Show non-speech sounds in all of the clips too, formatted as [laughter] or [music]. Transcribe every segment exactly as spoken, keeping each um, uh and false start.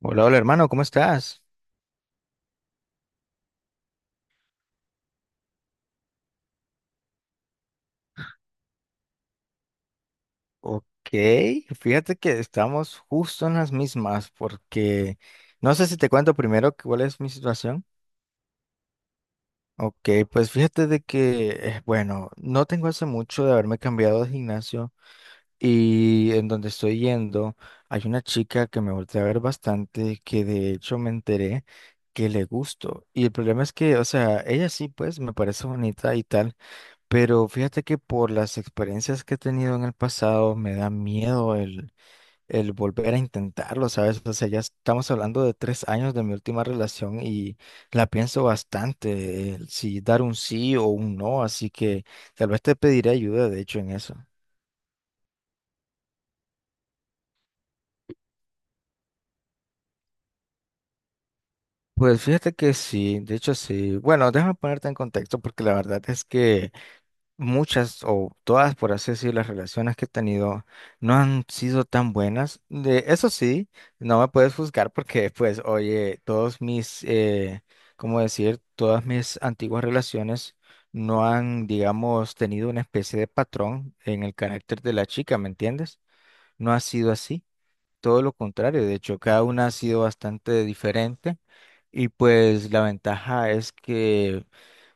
Hola, hola hermano, ¿cómo estás? Ok, fíjate que estamos justo en las mismas porque no sé si te cuento primero que- cuál es mi situación. Ok, pues fíjate de que, eh, bueno, no tengo hace mucho de haberme cambiado de gimnasio y en donde estoy yendo hay una chica que me volteé a ver bastante que de hecho me enteré que le gusto y el problema es que, o sea, ella sí pues me parece bonita y tal. Pero fíjate que por las experiencias que he tenido en el pasado me da miedo el, el volver a intentarlo, ¿sabes? O sea, ya estamos hablando de tres años de mi última relación y la pienso bastante, el si dar un sí o un no, así que tal vez te pediré ayuda, de hecho, en eso. Pues fíjate que sí, de hecho sí. Bueno, déjame ponerte en contexto porque la verdad es que muchas o todas, por así decir, las relaciones que he tenido no han sido tan buenas. De, eso sí, no me puedes juzgar porque, pues, oye, todos mis, eh, ¿cómo decir? Todas mis antiguas relaciones no han, digamos, tenido una especie de patrón en el carácter de la chica, ¿me entiendes? No ha sido así, todo lo contrario. De hecho, cada una ha sido bastante diferente. Y pues la ventaja es que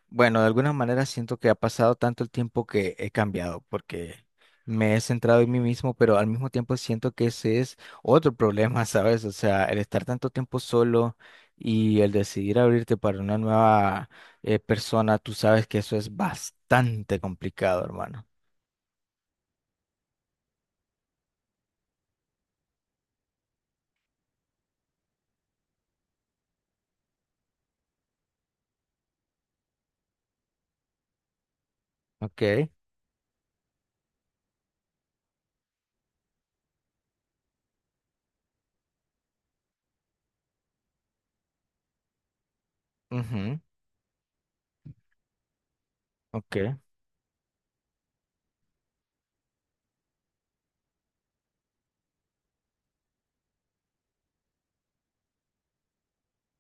bueno, de alguna manera siento que ha pasado tanto el tiempo que he cambiado, porque me he centrado en mí mismo, pero al mismo tiempo siento que ese es otro problema, [laughs] ¿sabes? O sea, el estar tanto tiempo solo y el decidir abrirte para una nueva eh, persona, tú sabes que eso es bastante complicado, hermano. Ok, ujú, ok.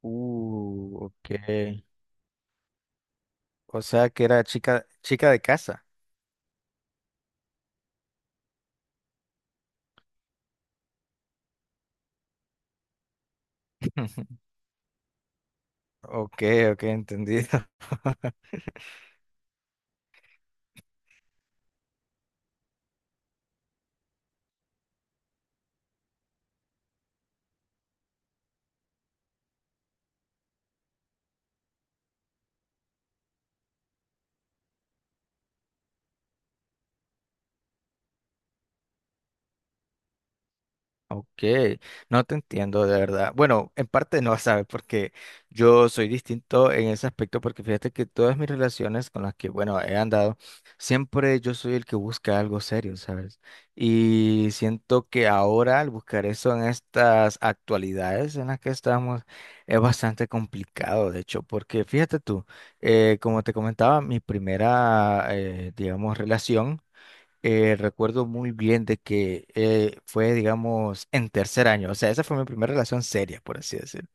Uh, ok. O sea que era chica, chica de casa. [laughs] Ok, ok, entendido. [laughs] Ok, no te entiendo de verdad. Bueno, en parte no, ¿sabes? Porque yo soy distinto en ese aspecto, porque fíjate que todas mis relaciones con las que, bueno, he andado, siempre yo soy el que busca algo serio, ¿sabes? Y siento que ahora al buscar eso en estas actualidades en las que estamos es bastante complicado, de hecho, porque fíjate tú, eh, como te comentaba, mi primera, eh, digamos, relación eh, recuerdo muy bien de que eh, fue, digamos, en tercer año. O sea, esa fue mi primera relación seria, por así decirlo.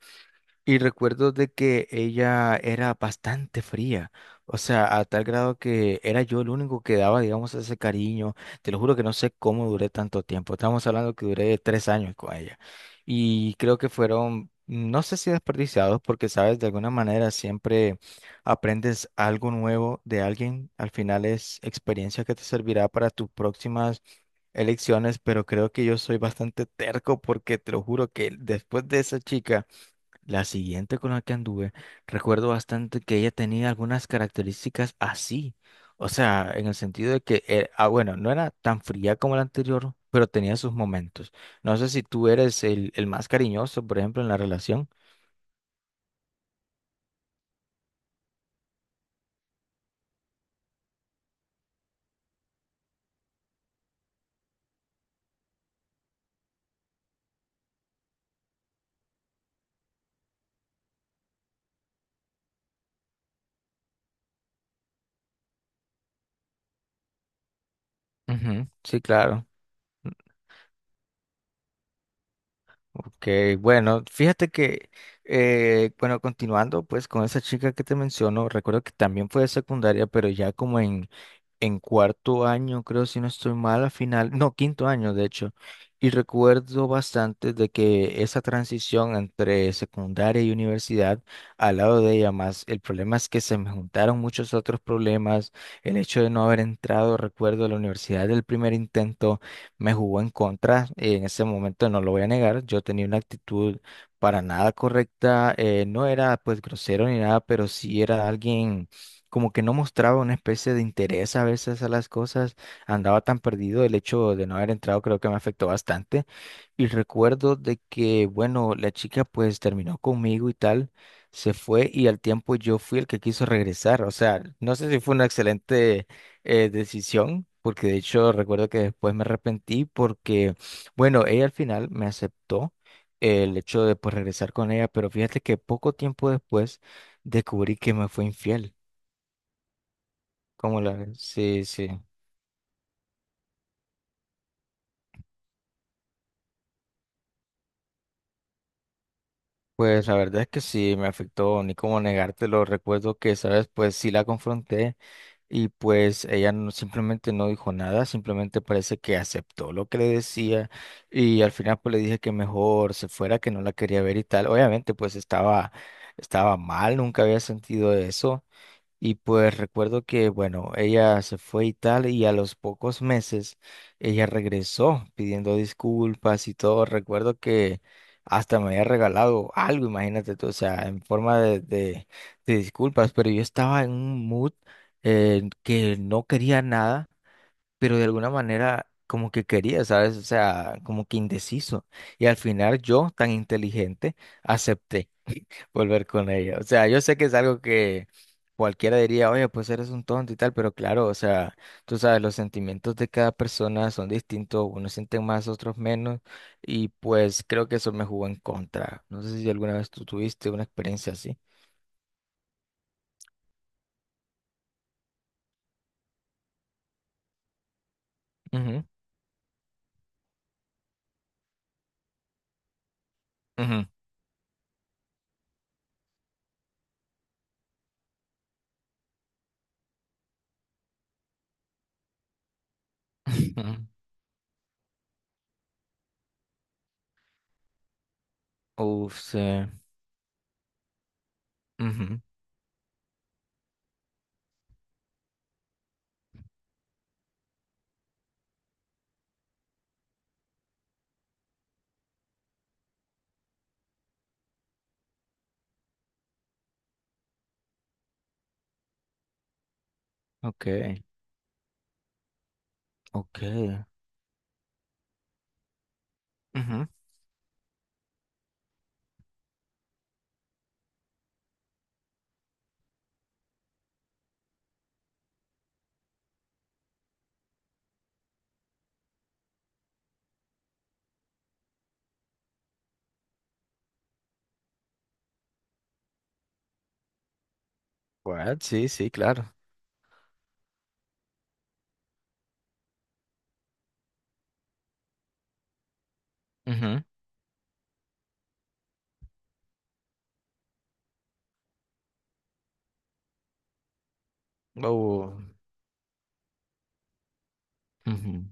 Y recuerdo de que ella era bastante fría, o sea, a tal grado que era yo el único que daba, digamos, ese cariño. Te lo juro que no sé cómo duré tanto tiempo. Estamos hablando que duré tres años con ella. Y creo que fueron, no sé si desperdiciados, porque, sabes, de alguna manera siempre aprendes algo nuevo de alguien. Al final es experiencia que te servirá para tus próximas elecciones, pero creo que yo soy bastante terco porque te lo juro que después de esa chica... La siguiente con la que anduve, recuerdo bastante que ella tenía algunas características así. O sea, en el sentido de que, eh, ah, bueno, no era tan fría como la anterior, pero tenía sus momentos. No sé si tú eres el, el más cariñoso, por ejemplo, en la relación. Ujú. Sí, claro. Ok, bueno, fíjate que, eh, bueno, continuando pues con esa chica que te menciono, recuerdo que también fue de secundaria, pero ya como en, en cuarto año, creo si no estoy mal, al final, no, quinto año de hecho, y recuerdo bastante de que esa transición entre secundaria y universidad, al lado de ella más, el problema es que se me juntaron muchos otros problemas, el hecho de no haber entrado, recuerdo, a la universidad del primer intento me jugó en contra. Eh, en ese momento no lo voy a negar, yo tenía una actitud para nada correcta, eh, no era pues grosero ni nada, pero sí era alguien como que no mostraba una especie de interés a veces a las cosas, andaba tan perdido, el hecho de no haber entrado creo que me afectó bastante. Y recuerdo de que, bueno, la chica pues terminó conmigo y tal, se fue y al tiempo yo fui el que quiso regresar. O sea, no sé si fue una excelente eh, decisión, porque de hecho recuerdo que después me arrepentí porque, bueno, ella al final me aceptó eh, el hecho de pues regresar con ella, pero fíjate que poco tiempo después descubrí que me fue infiel. ¿Cómo la ves? Sí, sí. Pues la verdad es que sí me afectó, ni cómo negártelo. Recuerdo que, sabes, pues sí la confronté y pues ella no- simplemente no dijo nada, simplemente parece que aceptó lo que le decía y al final pues le dije que mejor se fuera, que no la quería ver y tal. Obviamente pues estaba, estaba mal, nunca había sentido eso. Y pues recuerdo que, bueno, ella se fue y tal, y a los pocos meses ella regresó pidiendo disculpas y todo. Recuerdo que hasta me había regalado algo, imagínate tú, o sea, en forma de, de, de disculpas, pero yo estaba en un mood eh, que no quería nada, pero de alguna manera como que quería, ¿sabes? O sea, como que indeciso. Y al final yo, tan inteligente, acepté volver con ella. O sea, yo sé que es algo que cualquiera diría, oye, pues eres un tonto y tal, pero claro, o sea, tú sabes, los sentimientos de cada persona son distintos, unos sienten más, otros menos, y pues creo que eso me jugó en contra. No sé si alguna vez tú tuviste una experiencia así. Ujú, ujú, [laughs] ujú. Uf, sí. Ujú, ok, ok. Ujú. What? Sí, sí, claro. Ujú. Oh, ujú,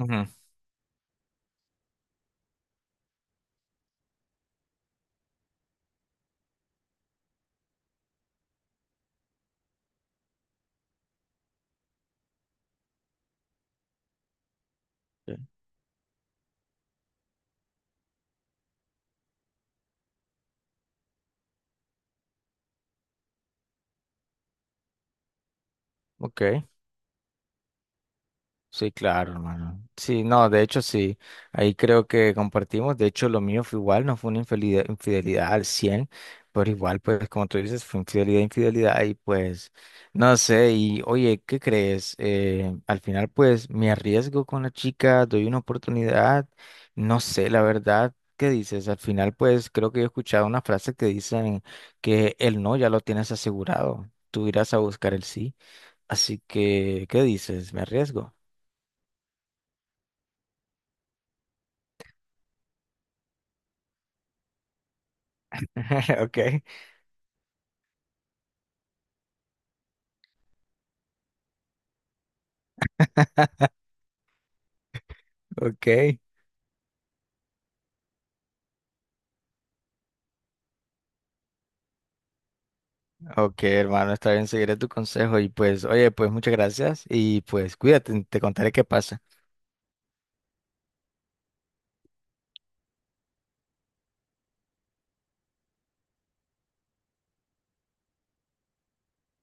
ujú, ok. Sí, claro, hermano. Sí, no, de hecho sí, ahí creo que compartimos, de hecho lo mío fue igual, no fue una infidelidad, infidelidad al cien, pero igual pues como tú dices, fue infidelidad, infidelidad y pues no sé, y oye, ¿qué crees? Eh, al final pues me arriesgo con la chica, doy una oportunidad, no sé, la verdad, ¿qué dices? Al final pues creo que he escuchado una frase que dicen que el no ya lo tienes asegurado, tú irás a buscar el sí, así que, ¿qué dices? ¿Me arriesgo? [laughs] Okay, okay, okay, hermano, está bien, seguiré tu consejo y pues, oye, pues muchas gracias y pues cuídate, te contaré qué pasa.